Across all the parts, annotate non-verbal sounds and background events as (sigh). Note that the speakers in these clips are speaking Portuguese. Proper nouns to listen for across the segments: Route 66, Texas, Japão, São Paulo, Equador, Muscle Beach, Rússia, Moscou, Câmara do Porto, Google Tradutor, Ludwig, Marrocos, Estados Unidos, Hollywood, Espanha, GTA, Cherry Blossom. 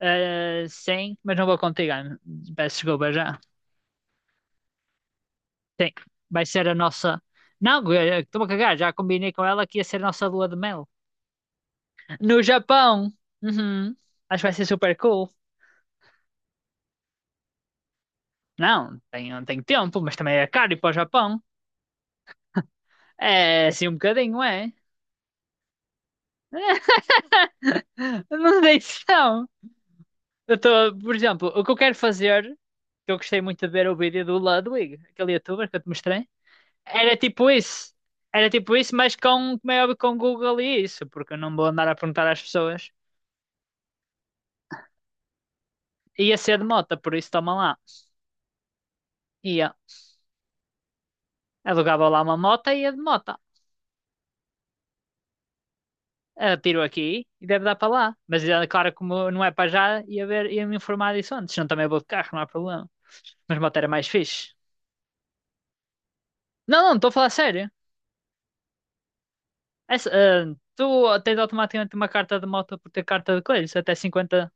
Ah, sim, mas não vou contigo, Ana. Peço desculpa já. Sim, vai ser a nossa. Não, estou a cagar, já combinei com ela que ia ser a nossa lua de mel. No Japão! Uhum. Acho que vai ser super cool. Não, tenho tempo, mas também é caro ir para o Japão. É assim um bocadinho, é? (laughs) Não deixo, não. Eu estou, por exemplo, o que eu quero fazer, que eu gostei muito de ver é o vídeo do Ludwig, aquele youtuber que eu te mostrei. Era tipo isso. Era tipo isso, mas como é óbvio, com Google e isso, porque eu não vou andar a perguntar às pessoas. Ia ser de moto, por isso toma lá. Ia. Alugava lá uma moto e ia de moto. Ah, tiro aqui e deve dar para lá. Mas é claro, como não é para já, ia ver, ia me informar disso antes. Não, também vou de carro, não há problema. Mas moto era mais fixe. Não, não, estou a falar sério. Essa, tu tens automaticamente uma carta de moto por ter carta de coisas, até 50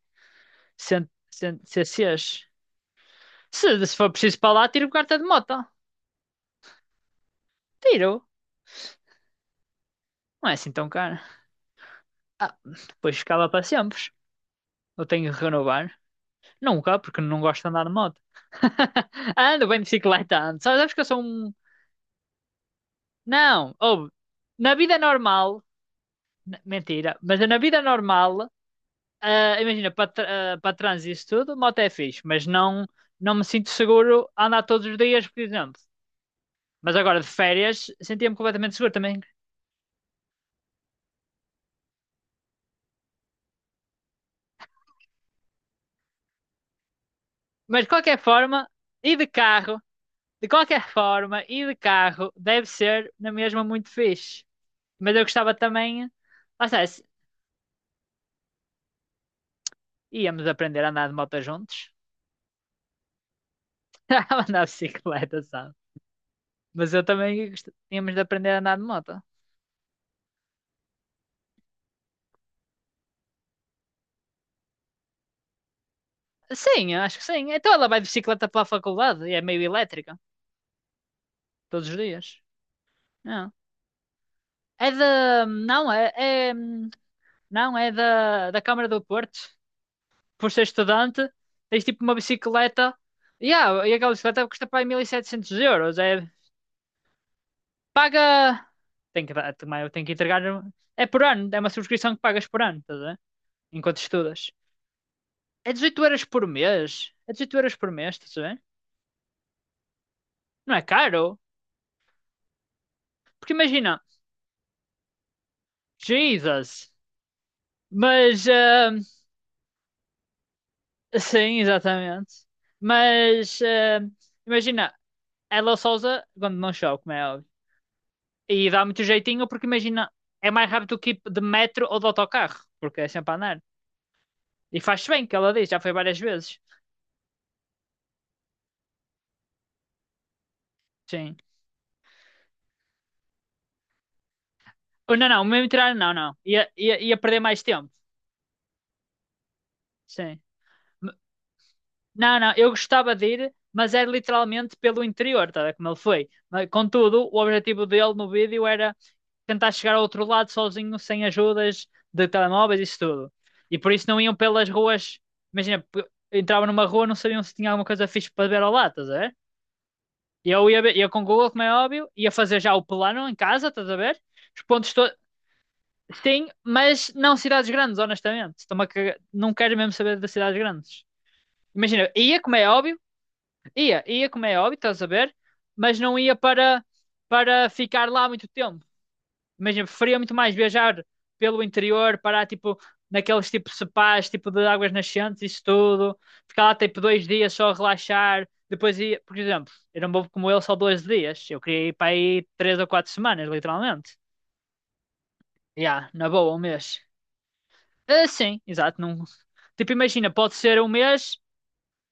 CCs. Se for preciso para lá, tiro carta de moto. Tiro. Não é assim tão caro. Ah, depois ficava para sempre. Eu tenho que renovar. Nunca, porque não gosto de andar de moto. (laughs) Ando bem de bicicleta, ando. Só sabes que eu sou um. Não, ouve. Na vida normal. Mentira, mas na vida normal, imagina, para trânsito e isso tudo, moto é fixe, mas não, não me sinto seguro a andar todos os dias, por exemplo. Mas agora de férias, sentia-me completamente seguro também. Mas de qualquer forma, e de carro? De qualquer forma, e de carro, deve ser na mesma muito fixe. Mas eu gostava também. Lá está, íamos aprender a andar de moto juntos. (laughs) A andar de bicicleta, sabe? Mas eu também tínhamos de aprender a andar de moto. Sim, eu acho que sim. Então ela vai de bicicleta pela faculdade e é meio elétrica. Todos os dias. Não. É da. Não, é. é- Não, é da Câmara do Porto. Por ser estudante, tens tipo uma bicicleta. Yeah, e aquela bicicleta custa para aí 1700€. É paga. Tem que, também eu tenho que entregar. É por ano, é uma subscrição que pagas por ano, estás a ver? Enquanto estudas. É 18€ por mês. É 18€ por mês, estás a ver? Não é caro? Porque imagina, Jesus. Mas, ah, sim, exatamente. Mas, ah, imagina, ela Souza, quando não chove, como é óbvio. E dá muito jeitinho, porque imagina, é mais rápido que ir de metro ou de autocarro, porque é sempre a andar. E faz-se bem, que ela diz, já foi várias vezes. Sim. Oh, não, não, mesmo tirar, não, não. Ia perder mais tempo. Sim. M- Não, não, eu gostava de ir, mas era literalmente pelo interior, tá, a ver como ele foi. Mas, contudo, o objetivo dele no vídeo era tentar chegar ao outro lado sozinho, sem ajudas de telemóveis, isso tudo. E por isso não iam pelas ruas. Imagina, entravam numa rua, não sabiam se tinha alguma coisa fixe para ver ao lado, estás a ver? E eu ia, ia com o Google, como é óbvio, ia fazer já o plano em casa, estás a ver? Os pontos to Sim, mas não cidades grandes, honestamente. Estou-me a cagar- Não quero mesmo saber das cidades grandes. Imagina, ia como é óbvio, ia como é óbvio, estás a ver? Mas não ia para, para ficar lá muito tempo. Imagina, preferia muito mais viajar pelo interior, parar tipo naqueles tipo sepais, tipo de águas nascentes, isso tudo. Ficar lá tipo dois dias só a relaxar. Depois ia, por exemplo, eu não vou como ele só dois dias. Eu queria ir para aí três ou quatro semanas, literalmente. Ya, na boa, um mês. Ah, sim, exato. Não... Tipo, imagina, pode ser um mês.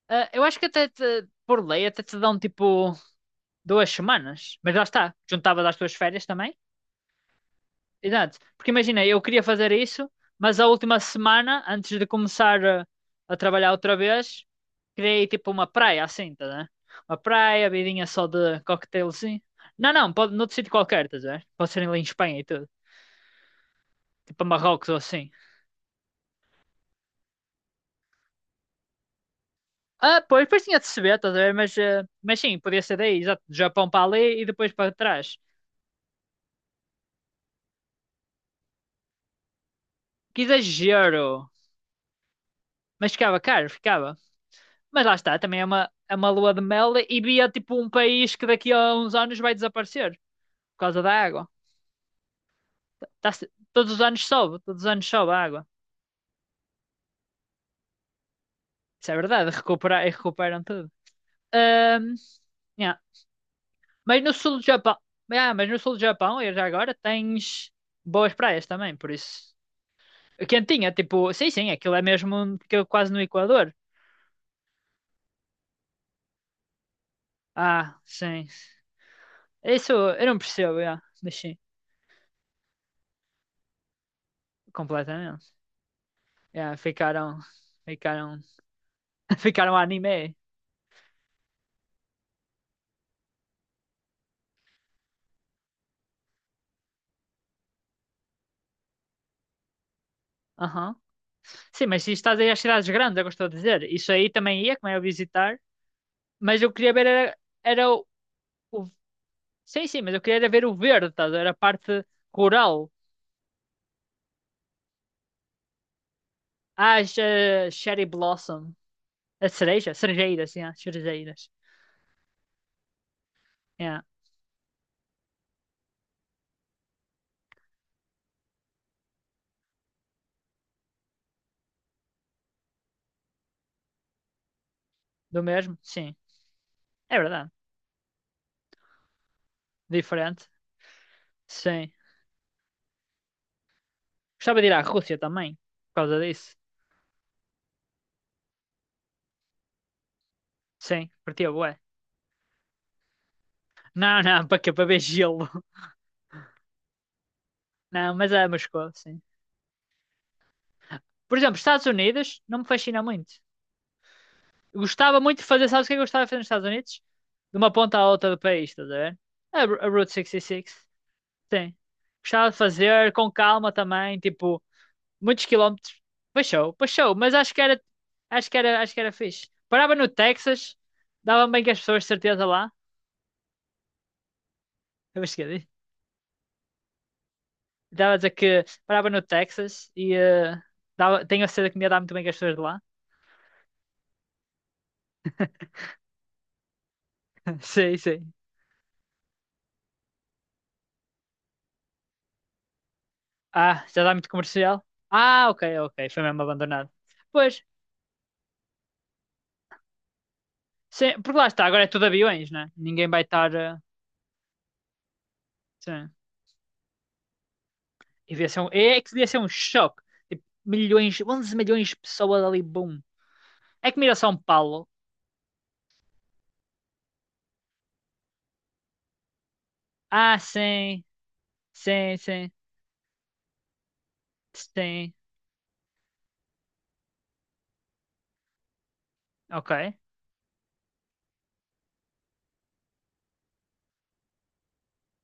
Eu acho que por lei até te dão tipo duas semanas. Mas lá está, juntavas às tuas férias também. Exato. Porque imagina, eu queria fazer isso, mas a última semana, antes de começar a trabalhar outra vez, criei tipo uma praia assim, tá, né? Uma praia, vidinha só de cocktailzinho. Não, não, pode noutro sítio qualquer, estás a ver? Pode ser ali em Espanha e tudo. Tipo a Marrocos ou assim. Ah, pois, depois tinha de se ver, estás a ver? Mas, mas sim, podia ser daí, exato, do Japão para ali e depois para trás. Que exagero! Mas ficava caro, ficava. Mas lá está, também é é uma lua de mel e via tipo um país que daqui a uns anos vai desaparecer por causa da água. Tá- tá- Todos os anos sobe, todos os anos sobe a água. Isso é verdade, recuperar, e recuperam tudo. Ahm, yeah. Mas no sul do Japão, mas no sul do Japão, e já agora, tens boas praias também, por isso. Quentinha, tipo, sim, sim, aquilo é mesmo que quase no Equador. Ah, sim. Isso eu não percebo, yeah, mas sim, completamente. Yeah, ficaram, ficaram, (laughs) ficaram anime. Aham. Sim, mas se estás aí às cidades grandes, é o que eu estou a dizer. Isso aí também ia, como é a visitar. Mas eu queria ver, era, era o- Sim, sim, mas eu queria era ver o verde, estás a ver? A parte rural. Ah, Cherry Blossom. A cereja, cerejeiras, yeah, cerejeiras. Yeah. Do mesmo? Sim, é verdade. Diferente. Sim. Gostava de ir à Rússia também, por causa disso. Sim, curtia bué. Não, não, (laughs) para quê? Para ver gelo. Não, mas é Moscou, sim. Por exemplo, Estados Unidos não me fascina muito. Eu gostava muito de fazer, sabes o que é que eu gostava de fazer nos Estados Unidos? De uma ponta à outra do país, estás a ver? A Route 66, sim. Gostava de fazer com calma também, tipo, muitos quilómetros. Baixou, baixou, mas acho que era, acho que era, acho que era fixe. Parava no Texas, dava bem com as pessoas de certeza lá. Eu acho que é Estava a dizer que morava no Texas e dava, tenho a certeza que me ia dar muito bem com as pessoas de lá. (laughs) Sim, sim. Ah, já dá muito comercial? Ah, ok, ok. Foi mesmo abandonado. Pois, sim, porque lá está, agora é tudo aviões, né? Ninguém vai estar. Sim. E devia ser um, é que devia ser um choque. Tipo, milhões, 11 milhões de pessoas ali, boom. É que mira São Paulo. Ah, sim, sim, sim, sim. Ok,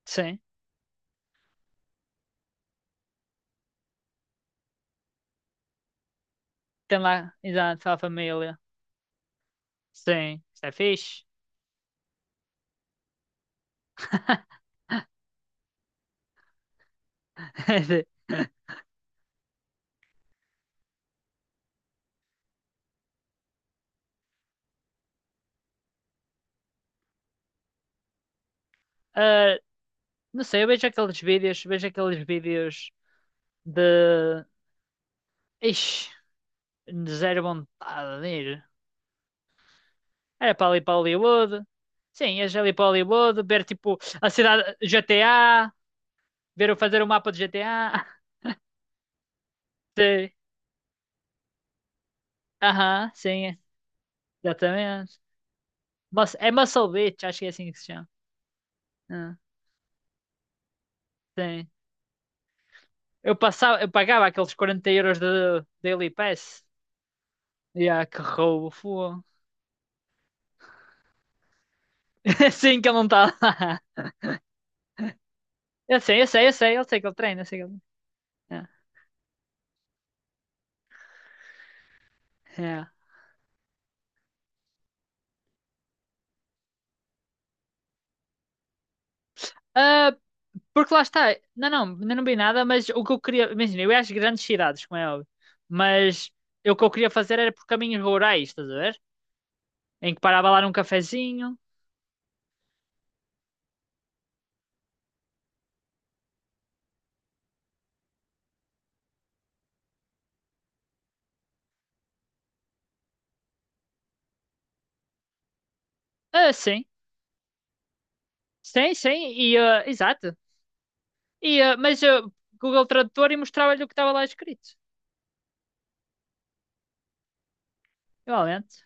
sim. Tem lá, exato, a família. Sim, isso é fixe. (laughs) Ah, não sei, eu vejo aqueles vídeos de. Ixi, de zero vontade de ir. Era para ali para Hollywood. Sim, ia ali para Hollywood, ver tipo a cidade GTA, ver eu fazer o mapa do GTA. (laughs) Sim, aham, sim, exatamente. Mas é Muscle Beach, acho que é assim que se chama. Ah, sim. Eu pagava aqueles 40€ de Daily Pass. E ah, que roubo, fogo. (laughs) Sim, que ele não está lá. Eu sei, eu sei, eu sei, eu sei que ele treina, eu sei que ele. Ah. É. Ah, porque lá está. Não, não, ainda não vi nada, mas o que eu queria. Imagina, eu ia às grandes cidades, como é óbvio. Mas eu, o que eu queria fazer era por caminhos rurais, estás a ver? Em que parava lá num cafezinho. Ah, sim. Sim, sim. E, ah, exato. E, ah, mas ah, Google Tradutor e mostrava-lhe o que estava lá escrito. Igualmente.